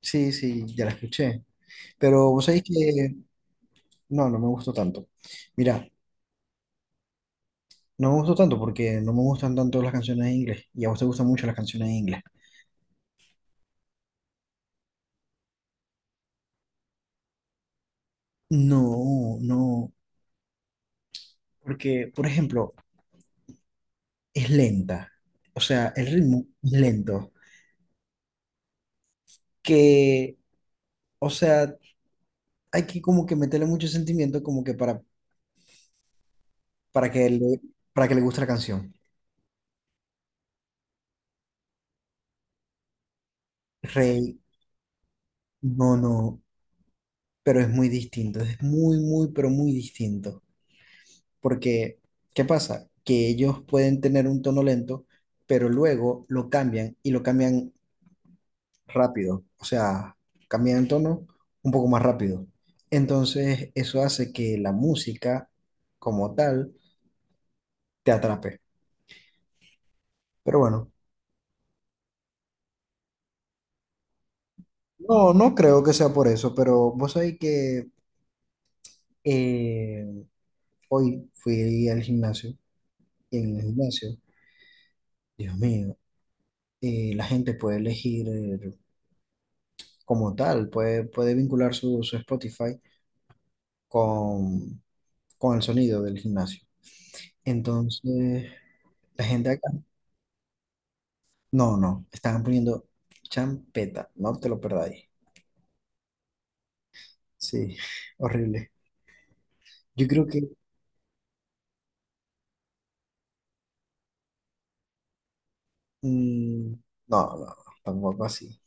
Sí, sí, ya la escuché. Pero vos sabéis que no, no me gustó tanto. Mira, no me gustó tanto porque no me gustan tanto las canciones en inglés. Y a vos te gustan mucho las canciones en inglés. No, no. Porque, por ejemplo, es lenta. O sea, el ritmo es lento. Que, o sea, hay que como que meterle mucho sentimiento como que para que le, para que le guste la canción. Rey, no, no. Pero es muy distinto. Es muy, muy, pero muy distinto. Porque, ¿qué pasa? Que ellos pueden tener un tono lento, pero luego lo cambian y lo cambian rápido. O sea, cambian el tono un poco más rápido. Entonces, eso hace que la música como tal te atrape. Pero bueno, no, no creo que sea por eso, pero vos sabés que eh, hoy fui al gimnasio y en el gimnasio, Dios mío, la gente puede elegir como tal, puede vincular su Spotify con, con el sonido del gimnasio. Entonces, la gente acá, no, no, estaban poniendo champeta, no te lo perdáis. Sí, horrible. Yo creo que, mm, no, no, tampoco así.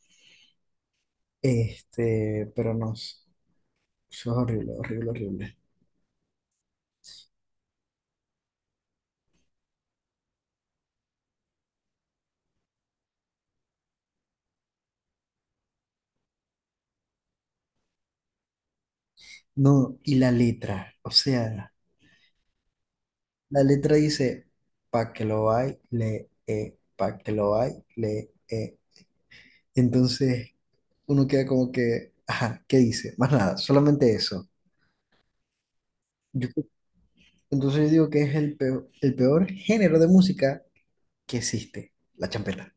Este, pero no, eso es horrible, horrible, horrible. No, y la letra, o sea, la letra dice, "pa' que lo hay, le, pa' que lo hay, le, eh". Entonces uno queda como que, ajá, ¿qué dice? Más nada, solamente eso. Yo creo- entonces yo digo que es el peor género de música que existe, la champeta.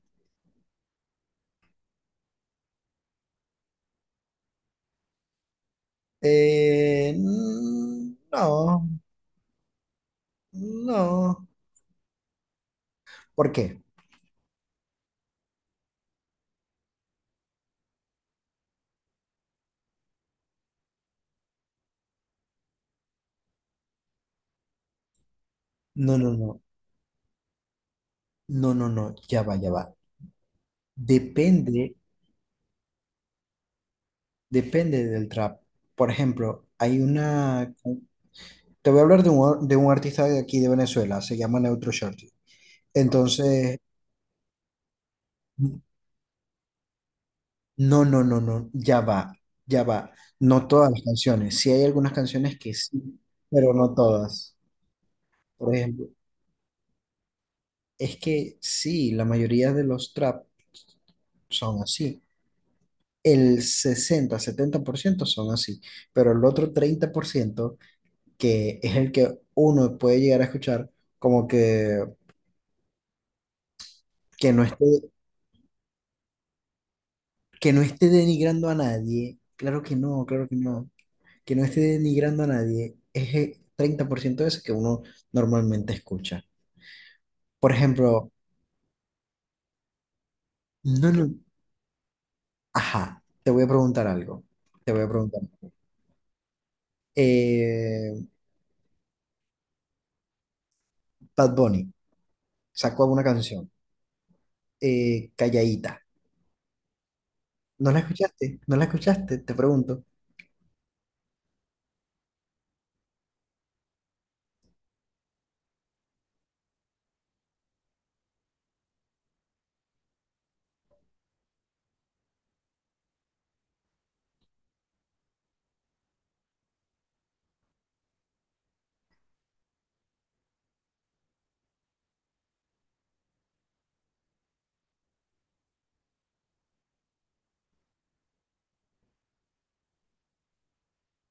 Mm, no, no. ¿Por qué? No, no, no, no, no, no, ya va, ya va. Depende, depende del trap. Por ejemplo, hay una. Te voy a hablar de un artista de aquí de Venezuela, se llama Neutro Shorty. Entonces, no, no, no, no, ya va, ya va. No todas las canciones. Sí hay algunas canciones que sí, pero no todas. Por ejemplo, es que sí, la mayoría de los trap son así. El 60, 70% son así, pero el otro 30% que es el que uno puede llegar a escuchar, como que no esté, que no esté denigrando a nadie. Claro que no, claro que no. Que no esté denigrando a nadie, es el 30% de eso que uno normalmente escucha. Por ejemplo, no, no, ajá, te voy a preguntar algo, te voy a preguntar. Eh, Bad Bunny sacó una canción, Calladita. ¿No la escuchaste? ¿No la escuchaste? Te pregunto.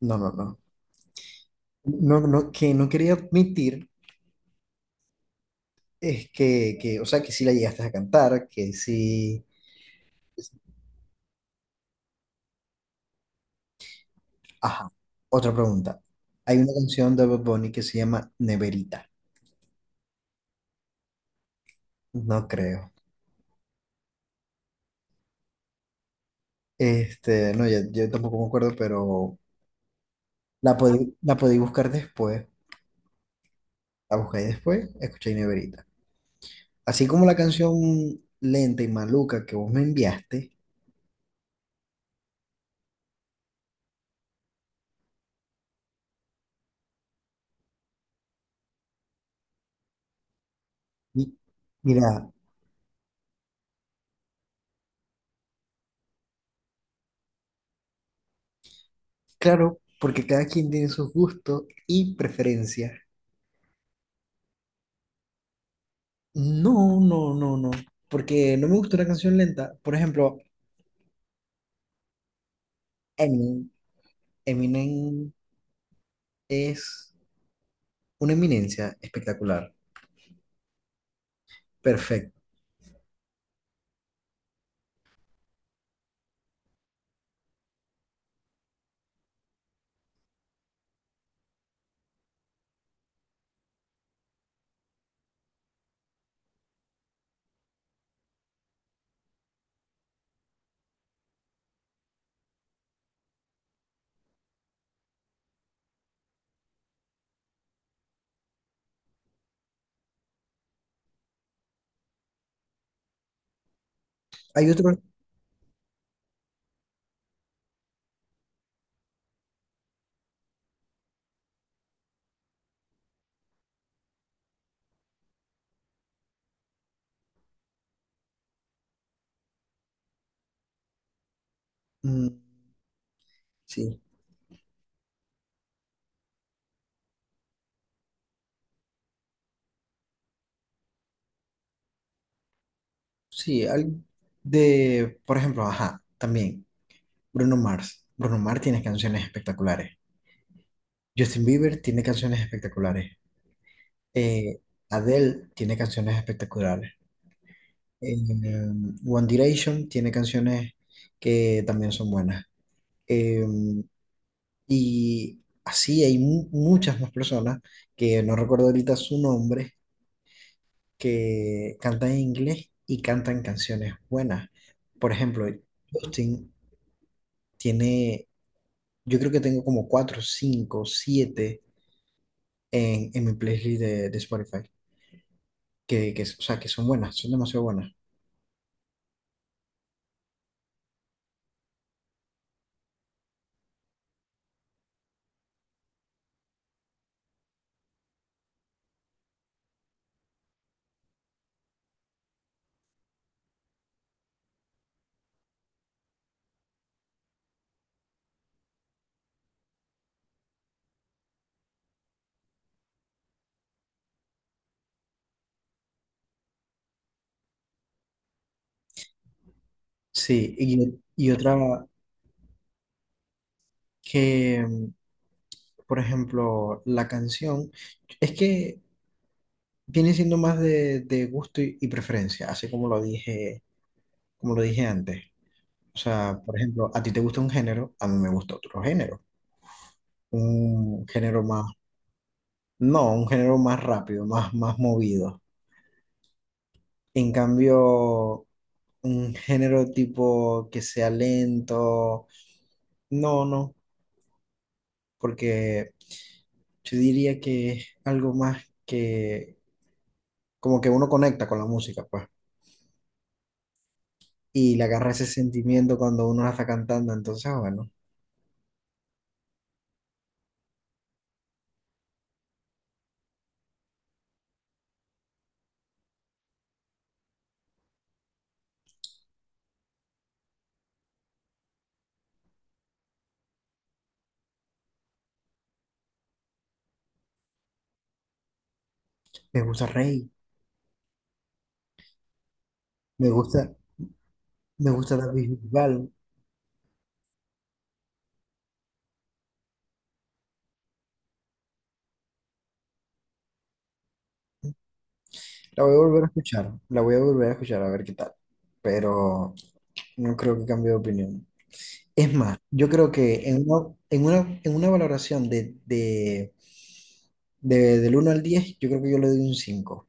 No, no, no. No, no, que no quería admitir es que, o sea, que sí la llegaste a cantar, que sí. Ajá. Otra pregunta. Hay una canción de Bad Bunny que se llama Neverita. No creo. Este, no, ya- yo tampoco me acuerdo, pero la podí buscar después. La busqué después, escuché Neverita. Así como la canción lenta y maluca que vos me enviaste. y- mira, claro, porque cada quien tiene sus gustos y preferencias. No, no, no, no. Porque no me gusta una canción lenta. Por ejemplo, Eminem, Eminem es una eminencia espectacular. Perfecto. Hay otro. Mm, sí. Sí, por ejemplo, ajá, también Bruno Mars. Bruno Mars tiene canciones espectaculares. Justin Bieber tiene canciones espectaculares. Eh, Adele tiene canciones espectaculares. Eh, One Direction tiene canciones que también son buenas. Eh, y así hay muchas más personas que no recuerdo ahorita su nombre, que cantan en inglés y cantan canciones buenas. Por ejemplo, Justin tiene yo creo que tengo como cuatro, cinco, siete en mi playlist de Spotify, o sea, que son buenas, son demasiado buenas. Sí, y otra que, por ejemplo, la canción, es que viene siendo más de gusto y preferencia, así como lo dije antes. O sea, por ejemplo, a ti te gusta un género, a mí me gusta otro género, un género más, no, un género más rápido, más, más movido. En cambio, un género tipo que sea lento. No, no, porque yo diría que es algo más que como que uno conecta con la música, pues, y le agarra ese sentimiento cuando uno la está cantando. Entonces, ah, bueno, me gusta Rey, me gusta, me gusta David Bisbal. La voy a volver a escuchar, la voy a volver a escuchar a ver qué tal, pero no creo que cambie de opinión. Es más, yo creo que en una valoración del 1 al 10 yo creo que yo le doy un cinco.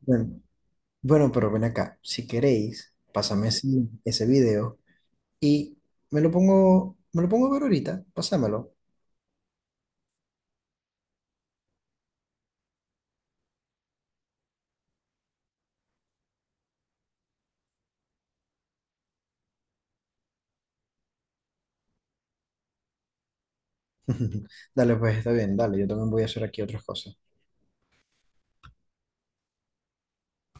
Bueno, bueno, pero ven acá, si queréis, pásame ese, video y me lo pongo a ver ahorita, pásamelo. Dale, pues está bien, dale, yo también voy a hacer aquí otras cosas.